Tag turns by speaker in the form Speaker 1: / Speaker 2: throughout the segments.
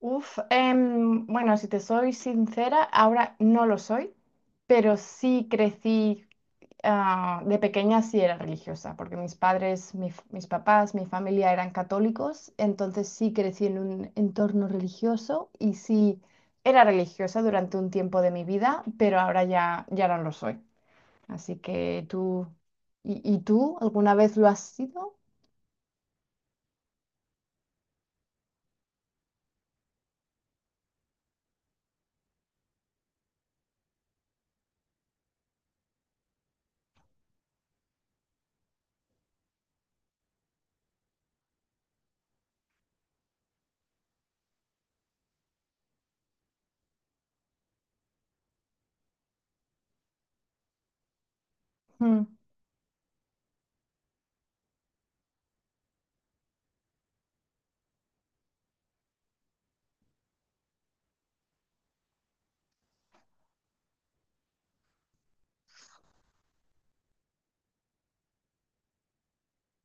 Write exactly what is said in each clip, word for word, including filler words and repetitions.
Speaker 1: Uf, em, bueno, si te soy sincera, ahora no lo soy, pero sí crecí, ah, de pequeña sí era religiosa, porque mis padres, mi f- mis papás, mi familia eran católicos, entonces sí crecí en un entorno religioso y sí era religiosa durante un tiempo de mi vida, pero ahora ya, ya no lo soy. Así que tú, ¿y, y tú alguna vez lo has sido?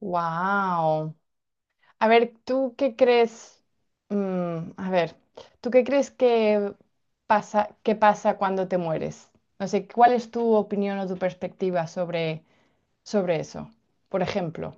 Speaker 1: Wow. A ver, ¿tú qué crees? Mm, a ver, ¿tú qué crees que pasa, que pasa cuando te mueres? No sé, ¿cuál es tu opinión o tu perspectiva sobre, sobre eso? Por ejemplo.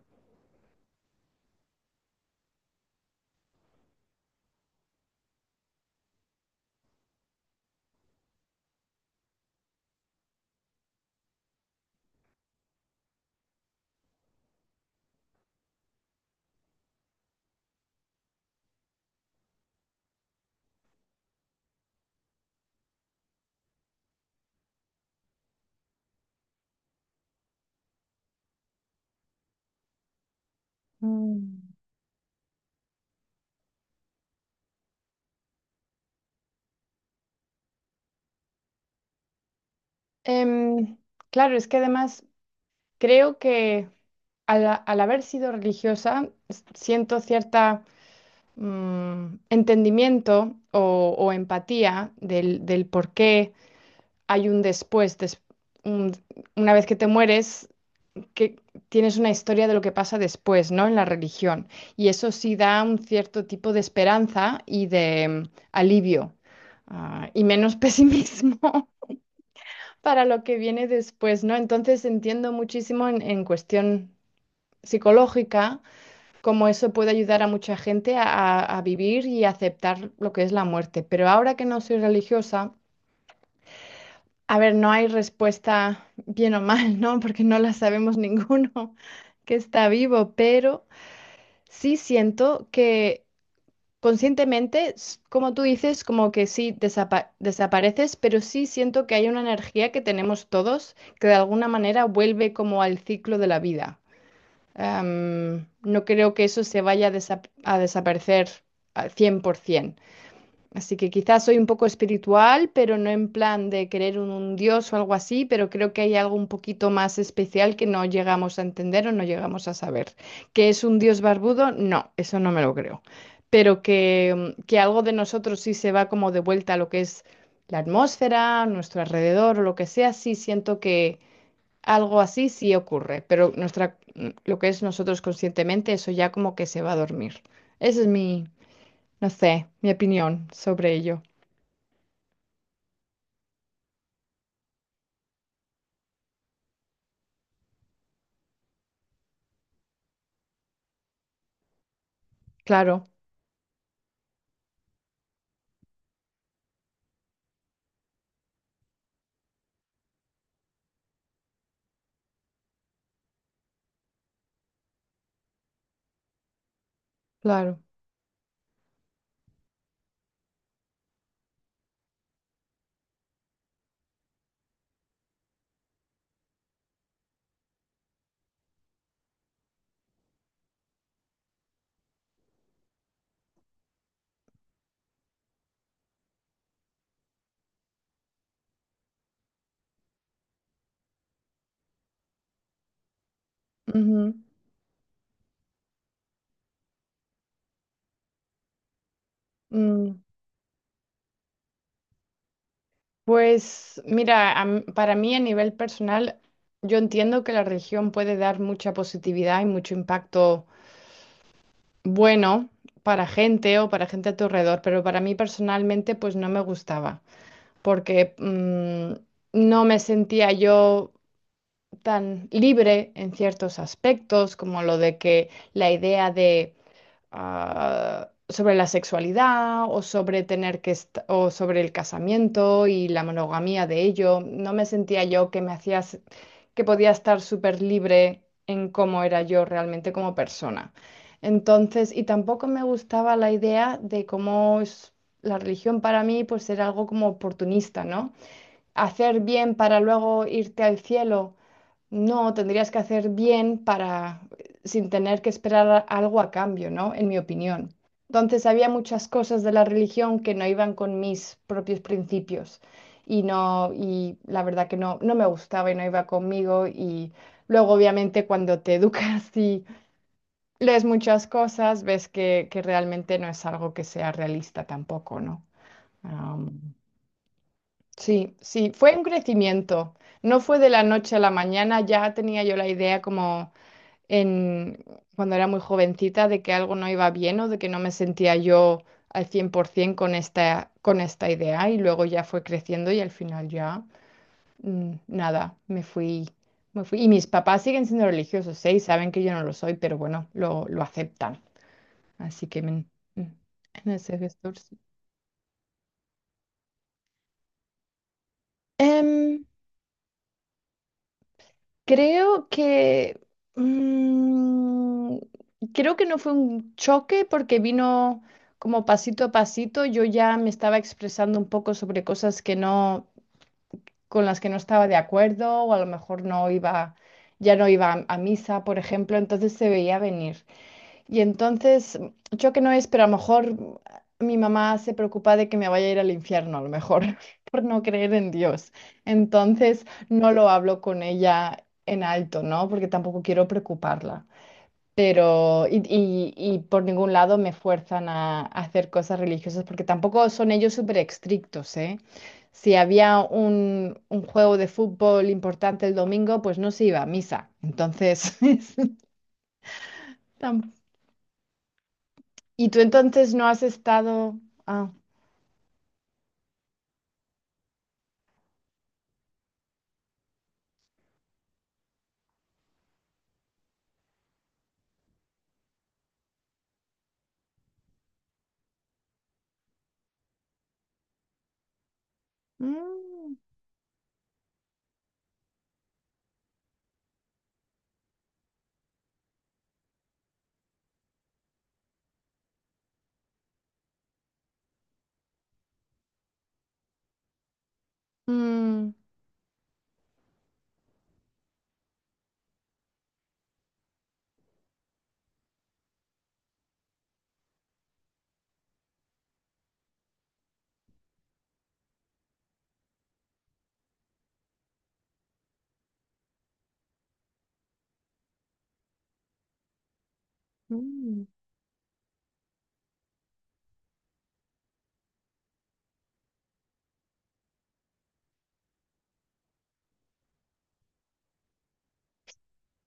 Speaker 1: Mm. Em, claro, es que además creo que al, a- al haber sido religiosa s- siento cierta mm, entendimiento o, o empatía del, del por qué hay un después, des- un- una vez que te mueres, que tienes una historia de lo que pasa después, ¿no? En la religión. Y eso sí da un cierto tipo de esperanza y de mm, alivio, ah, y menos pesimismo para lo que viene después, ¿no? Entonces entiendo muchísimo en, en cuestión psicológica cómo eso puede ayudar a mucha gente a, a- a vivir y aceptar lo que es la muerte. Pero ahora que no soy religiosa, a ver, no hay respuesta bien o mal, ¿no? Porque no la sabemos ninguno que está vivo, pero... Sí siento que conscientemente, s- como tú dices, como que sí desapa- desapareces, pero sí siento que hay una energía que tenemos todos que de alguna manera vuelve como al ciclo de la vida. Am, no creo que eso se vaya a, desa- a desaparecer al cien por ciento. Así que quizás soy un poco espiritual, pero no en plan de querer un, un dios o algo así, pero creo que hay algo un poquito más especial que no llegamos a entender o no llegamos a saber. ¿Que es un dios barbudo? No, eso no me lo creo. Pero que, mm, que algo de nosotros sí se va como de vuelta a lo que es la atmósfera, nuestro alrededor o lo que sea, sí siento que algo así sí ocurre, pero nuestra, mm, lo que es nosotros conscientemente, eso ya como que se va a dormir. Esa es mi, no sé, mi opinión sobre ello. Claro, claro. Ujú. Mm. Pues mira, am- para mí a nivel personal, yo entiendo que la religión puede dar mucha positividad y mucho impacto bueno para gente o para gente a tu alrededor, pero para mí personalmente pues no me gustaba, porque mm, no me sentía yo tan libre en ciertos aspectos, como lo de que la idea de... ah, sobre la sexualidad o sobre tener que est- o sobre el casamiento y la monogamia de ello. No me sentía yo que me hacías que podía estar súper libre en cómo era yo realmente como persona. Entonces, y tampoco me gustaba la idea de cómo es la religión para mí, pues era algo como oportunista, ¿no? Hacer bien para luego irte al cielo. No, tendrías que hacer bien para, sin tener que esperar a- algo a cambio, ¿no? En mi opinión. Entonces había muchas cosas de la religión que no iban con mis propios principios y no, y la verdad que no, no me gustaba y no iba conmigo y luego obviamente cuando te educas y lees muchas cosas, ves que, que realmente no es algo que sea realista tampoco, ¿no? Am, sí, sí, fue un crecimiento. No fue de la noche a la mañana, ya tenía yo la idea como en, cuando era muy jovencita de que algo no iba bien o de que no me sentía yo al cien por ciento con esta, con esta idea y luego ya fue creciendo y al final ya mm, nada, me fui, me fui. Y mis papás siguen siendo religiosos, ¿eh? Y saben que yo no lo soy, pero bueno, lo, lo aceptan. Así que men- mm, en ese gestor sí. Creo que... mm, creo que no fue un choque porque vino como pasito a pasito. Yo ya me estaba expresando un poco sobre cosas que no, con las que no estaba de acuerdo o a lo mejor no iba, ya no iba a, a misa, por ejemplo. Entonces se veía venir. Y entonces, yo que no es, pero a lo mejor mi mamá se preocupa de que me vaya a ir al infierno, a lo mejor, por no creer en Dios. Entonces, no lo hablo con ella en alto, ¿no? Porque tampoco quiero preocuparla. Pero, y, y- y por ningún lado me fuerzan a, a hacer cosas religiosas, porque tampoco son ellos súper estrictos, ¿eh? Si había un, un juego de fútbol importante el domingo, pues no se iba a misa. Entonces, ¿Y tú entonces no has estado... Ah. Mm. Mm. Mm.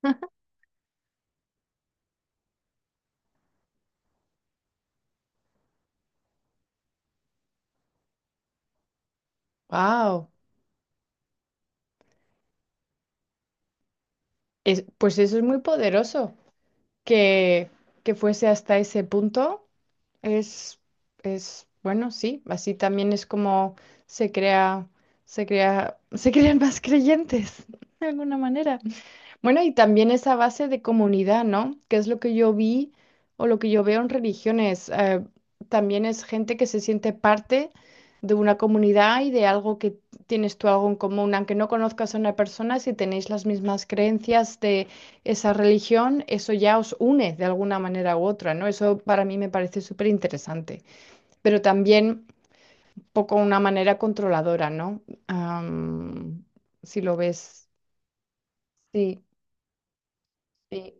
Speaker 1: Wow. Pues eso es muy poderoso. Que, que fuese hasta ese punto es, es, bueno, sí, así también es como se crea, se crea, se crean más creyentes, de alguna manera. Bueno, y también esa base de comunidad, ¿no? Que es lo que yo vi o lo que yo veo en religiones. Eh, también es gente que se siente parte de una comunidad y de algo que tienes tú algo en común. Aunque no conozcas a una persona, si tenéis las mismas creencias de esa religión, eso ya os une de alguna manera u otra, ¿no? Eso para mí me parece súper interesante. Pero también un poco una manera controladora, ¿no? Am, si lo ves. Sí, sí,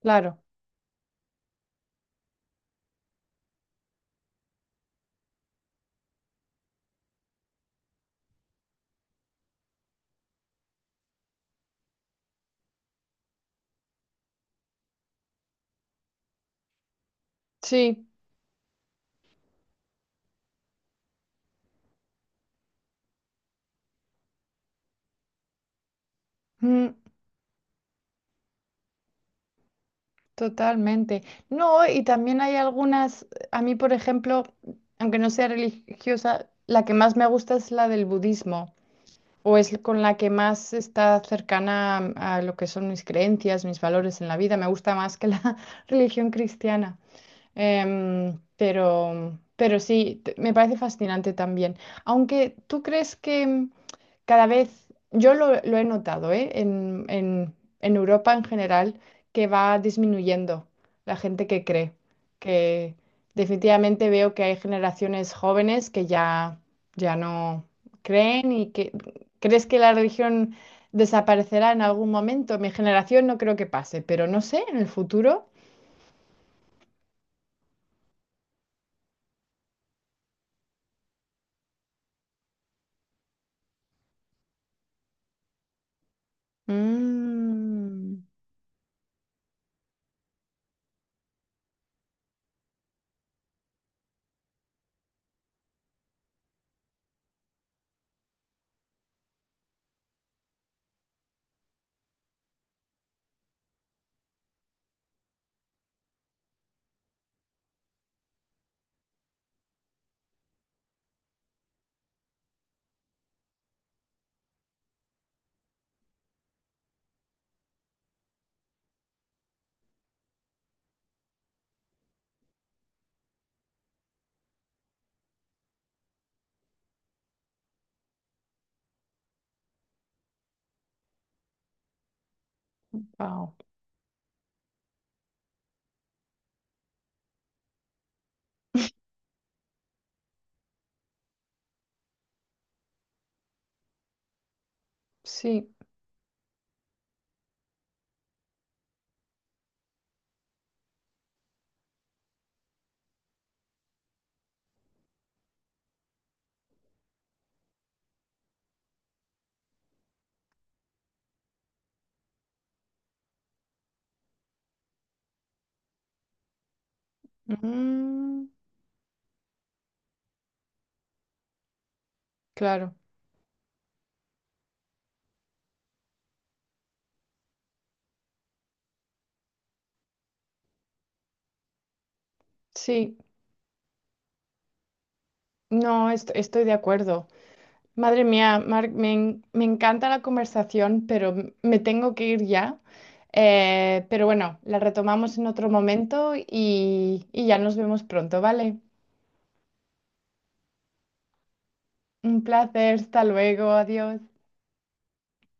Speaker 1: claro. Sí. Mm, Totalmente. No, y también hay algunas, a mí, por ejemplo, aunque no sea religiosa, la que más me gusta es la del budismo, o es con la que más está cercana a, a lo que son mis creencias, mis valores en la vida. Me gusta más que la religión cristiana. Em, pero, pero sí, te- me parece fascinante también. Aunque tú crees que mm, cada vez, yo lo, lo he notado, ¿eh? En, en, en Europa en general, que va disminuyendo la gente que cree, que definitivamente veo que hay generaciones jóvenes que ya, ya no creen y que crees que la religión desaparecerá en algún momento. Mi generación no creo que pase, pero no sé, en el futuro. Mm. Wow. Sí. Mm, claro. Sí. No, est- estoy de acuerdo. Madre mía, Marc, me, en- me encanta la conversación, pero m- me tengo que ir ya. Eh, pero bueno, la retomamos en otro momento y, y ya nos vemos pronto, ¿vale? Un placer, hasta luego, adiós.